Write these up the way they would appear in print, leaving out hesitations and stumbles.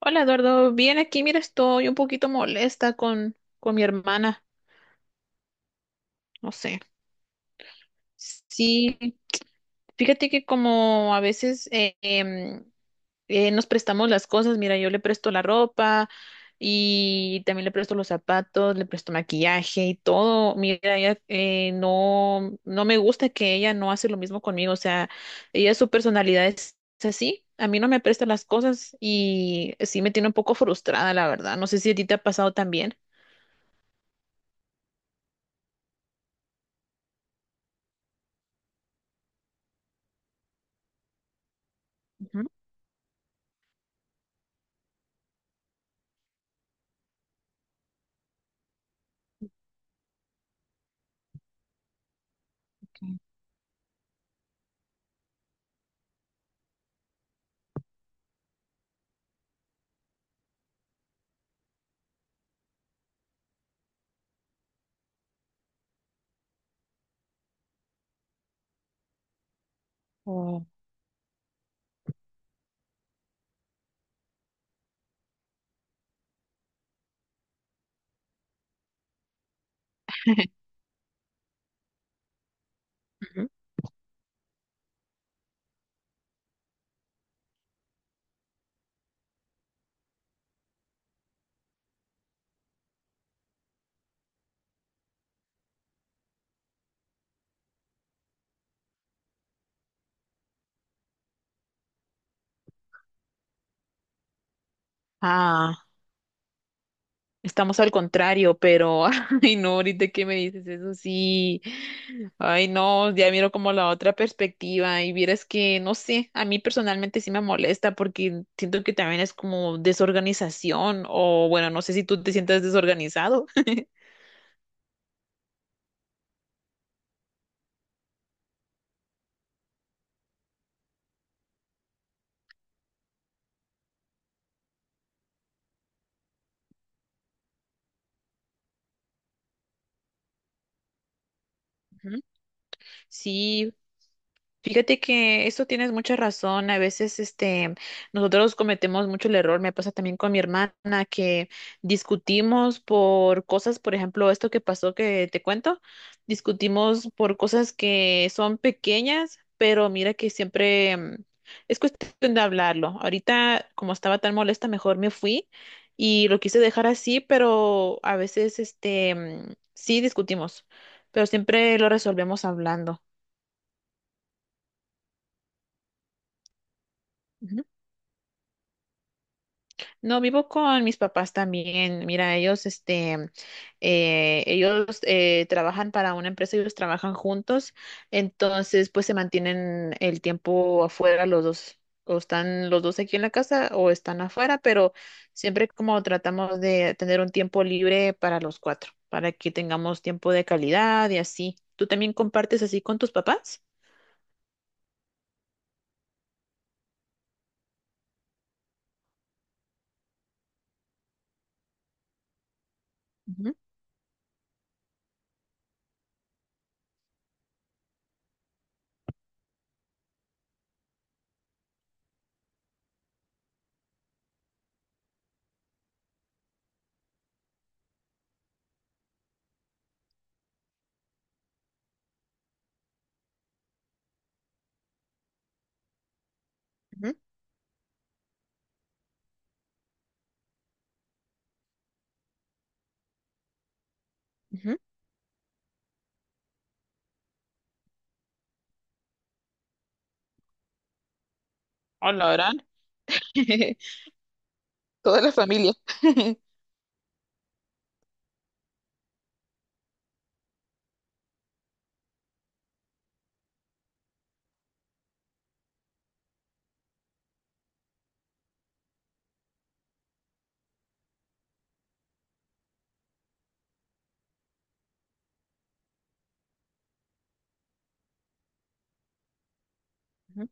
Hola Eduardo, bien aquí, mira, estoy un poquito molesta con mi hermana, no sé. Sí, fíjate que como a veces nos prestamos las cosas, mira, yo le presto la ropa y también le presto los zapatos, le presto maquillaje y todo. Mira, ella no, no me gusta que ella no hace lo mismo conmigo, o sea, ella su personalidad es así. A mí no me presta las cosas y sí me tiene un poco frustrada, la verdad. No sé si a ti te ha pasado también. Oh. Ujú. Ah, estamos al contrario, pero ay no, ahorita que me dices eso sí. Ay no, ya miro como la otra perspectiva y vieras que no sé, a mí personalmente sí me molesta porque siento que también es como desorganización o bueno, no sé si tú te sientes desorganizado. Ujú. Sí, fíjate que esto tienes mucha razón. A veces, nosotros cometemos mucho el error. Me pasa también con mi hermana que discutimos por cosas, por ejemplo, esto que pasó que te cuento, discutimos por cosas que son pequeñas, pero mira que siempre es cuestión de hablarlo. Ahorita, como estaba tan molesta, mejor me fui y lo quise dejar así, pero a veces, sí discutimos, pero siempre lo resolvemos hablando. Ujú. No, vivo con mis papás también. Mira, ellos, ellos trabajan para una empresa, ellos trabajan juntos, entonces pues se mantienen el tiempo afuera los dos, o están los dos aquí en la casa o están afuera, pero siempre como tratamos de tener un tiempo libre para los cuatro, para que tengamos tiempo de calidad y así. ¿Tú también compartes así con tus papás? Ujú, ujú, ujú. Hola, ¿verdad? Toda la familia. Ujú.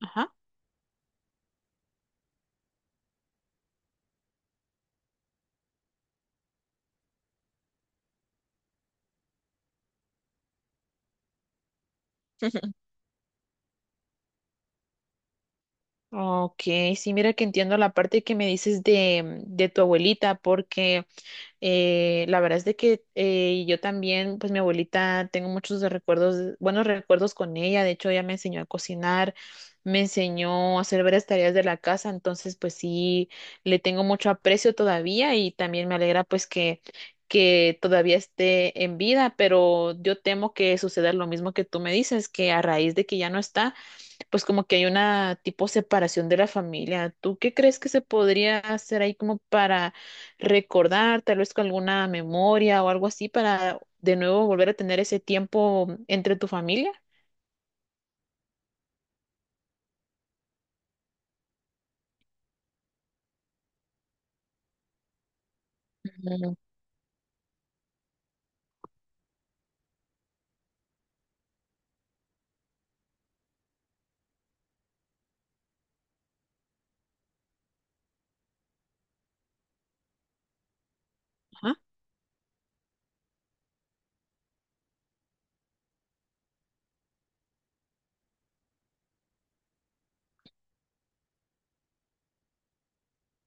Ajá. Ok, sí, mira que entiendo la parte que me dices de tu abuelita, porque la verdad es de que yo también, pues mi abuelita, tengo muchos de recuerdos, buenos recuerdos con ella, de hecho ella me enseñó a cocinar, me enseñó a hacer varias tareas de la casa, entonces pues sí, le tengo mucho aprecio todavía y también me alegra pues que todavía esté en vida, pero yo temo que suceda lo mismo que tú me dices, que a raíz de que ya no está pues como que hay una tipo separación de la familia. ¿Tú qué crees que se podría hacer ahí como para recordar, tal vez con alguna memoria o algo así, para de nuevo volver a tener ese tiempo entre tu familia? Ujú. Ajá.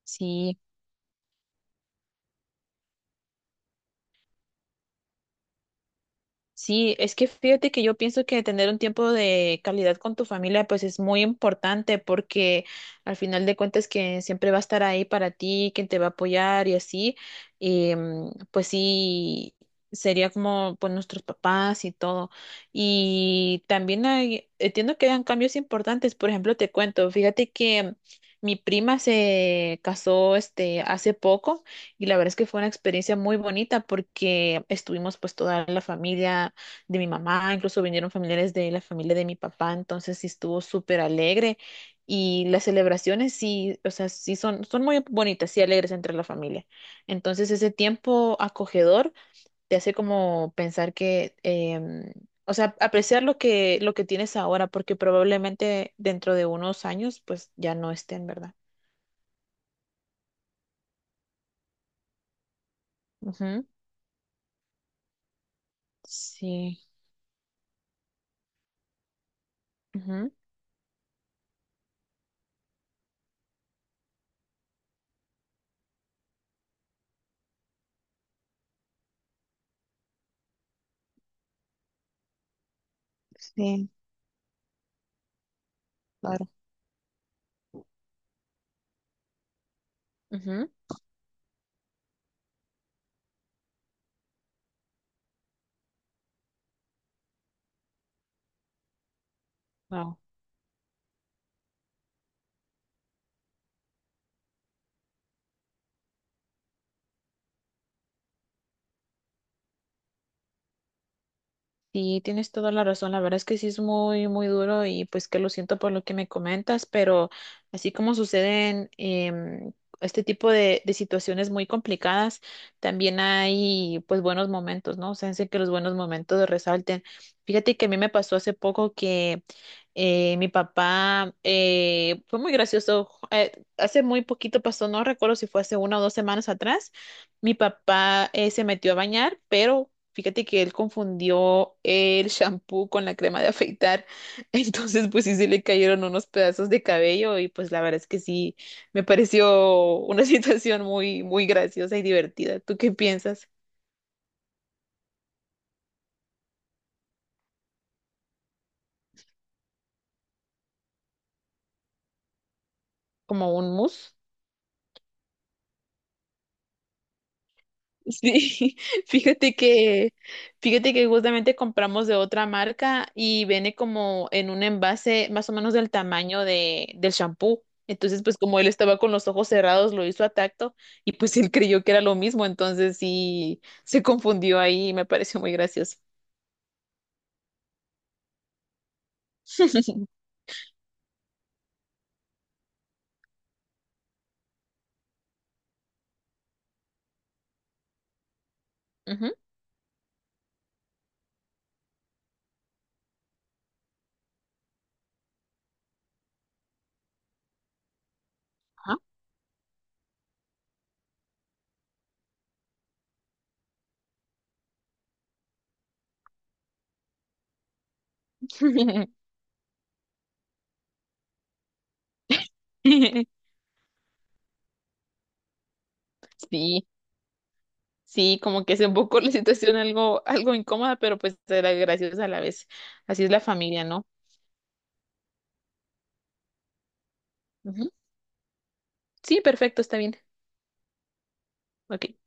Sí, sí, es que fíjate que yo pienso que tener un tiempo de calidad con tu familia pues es muy importante porque al final de cuentas que siempre va a estar ahí para ti, quien te va a apoyar y así, pues sí, sería como pues nuestros papás y todo. Y también hay, entiendo que hayan cambios importantes, por ejemplo, te cuento, fíjate que mi prima se casó este hace poco. Y la verdad es que fue una experiencia muy bonita porque estuvimos pues toda la familia de mi mamá, incluso vinieron familiares de la familia de mi papá, entonces sí estuvo súper alegre y las celebraciones sí, o sea, sí son, son muy bonitas y alegres entre la familia. Entonces ese tiempo acogedor te hace como pensar que, o sea, apreciar lo que tienes ahora porque probablemente dentro de unos años pues ya no estén, ¿verdad? Ujú. Sí. Ujú. Sí, claro. Ujú. Wow. Sí, tienes toda la razón. La verdad es que sí es muy, muy duro y pues que lo siento por lo que me comentas, pero así como suceden este tipo de situaciones muy complicadas, también hay pues buenos momentos, ¿no? O sea, sé que los buenos momentos resalten. Fíjate que a mí me pasó hace poco que mi papá fue muy gracioso. Hace muy poquito pasó, no recuerdo si fue hace una o dos semanas atrás. Mi papá se metió a bañar, pero fíjate que él confundió el shampoo con la crema de afeitar, entonces pues sí se le cayeron unos pedazos de cabello y pues la verdad es que sí, me pareció una situación muy, muy graciosa y divertida. ¿Tú qué piensas? ¿Como un mus? Sí, fíjate que, fíjate que justamente compramos de otra marca y viene como en un envase más o menos del tamaño de, del champú. Entonces, pues como él estaba con los ojos cerrados, lo hizo a tacto y pues él creyó que era lo mismo. Entonces sí, se confundió ahí y me pareció muy gracioso. Ujú, ajá. Sí, sí, como que es un poco la situación algo, algo incómoda, pero pues era graciosa a la vez. Así es la familia, ¿no? Ujú. Sí, perfecto, está bien. Ok.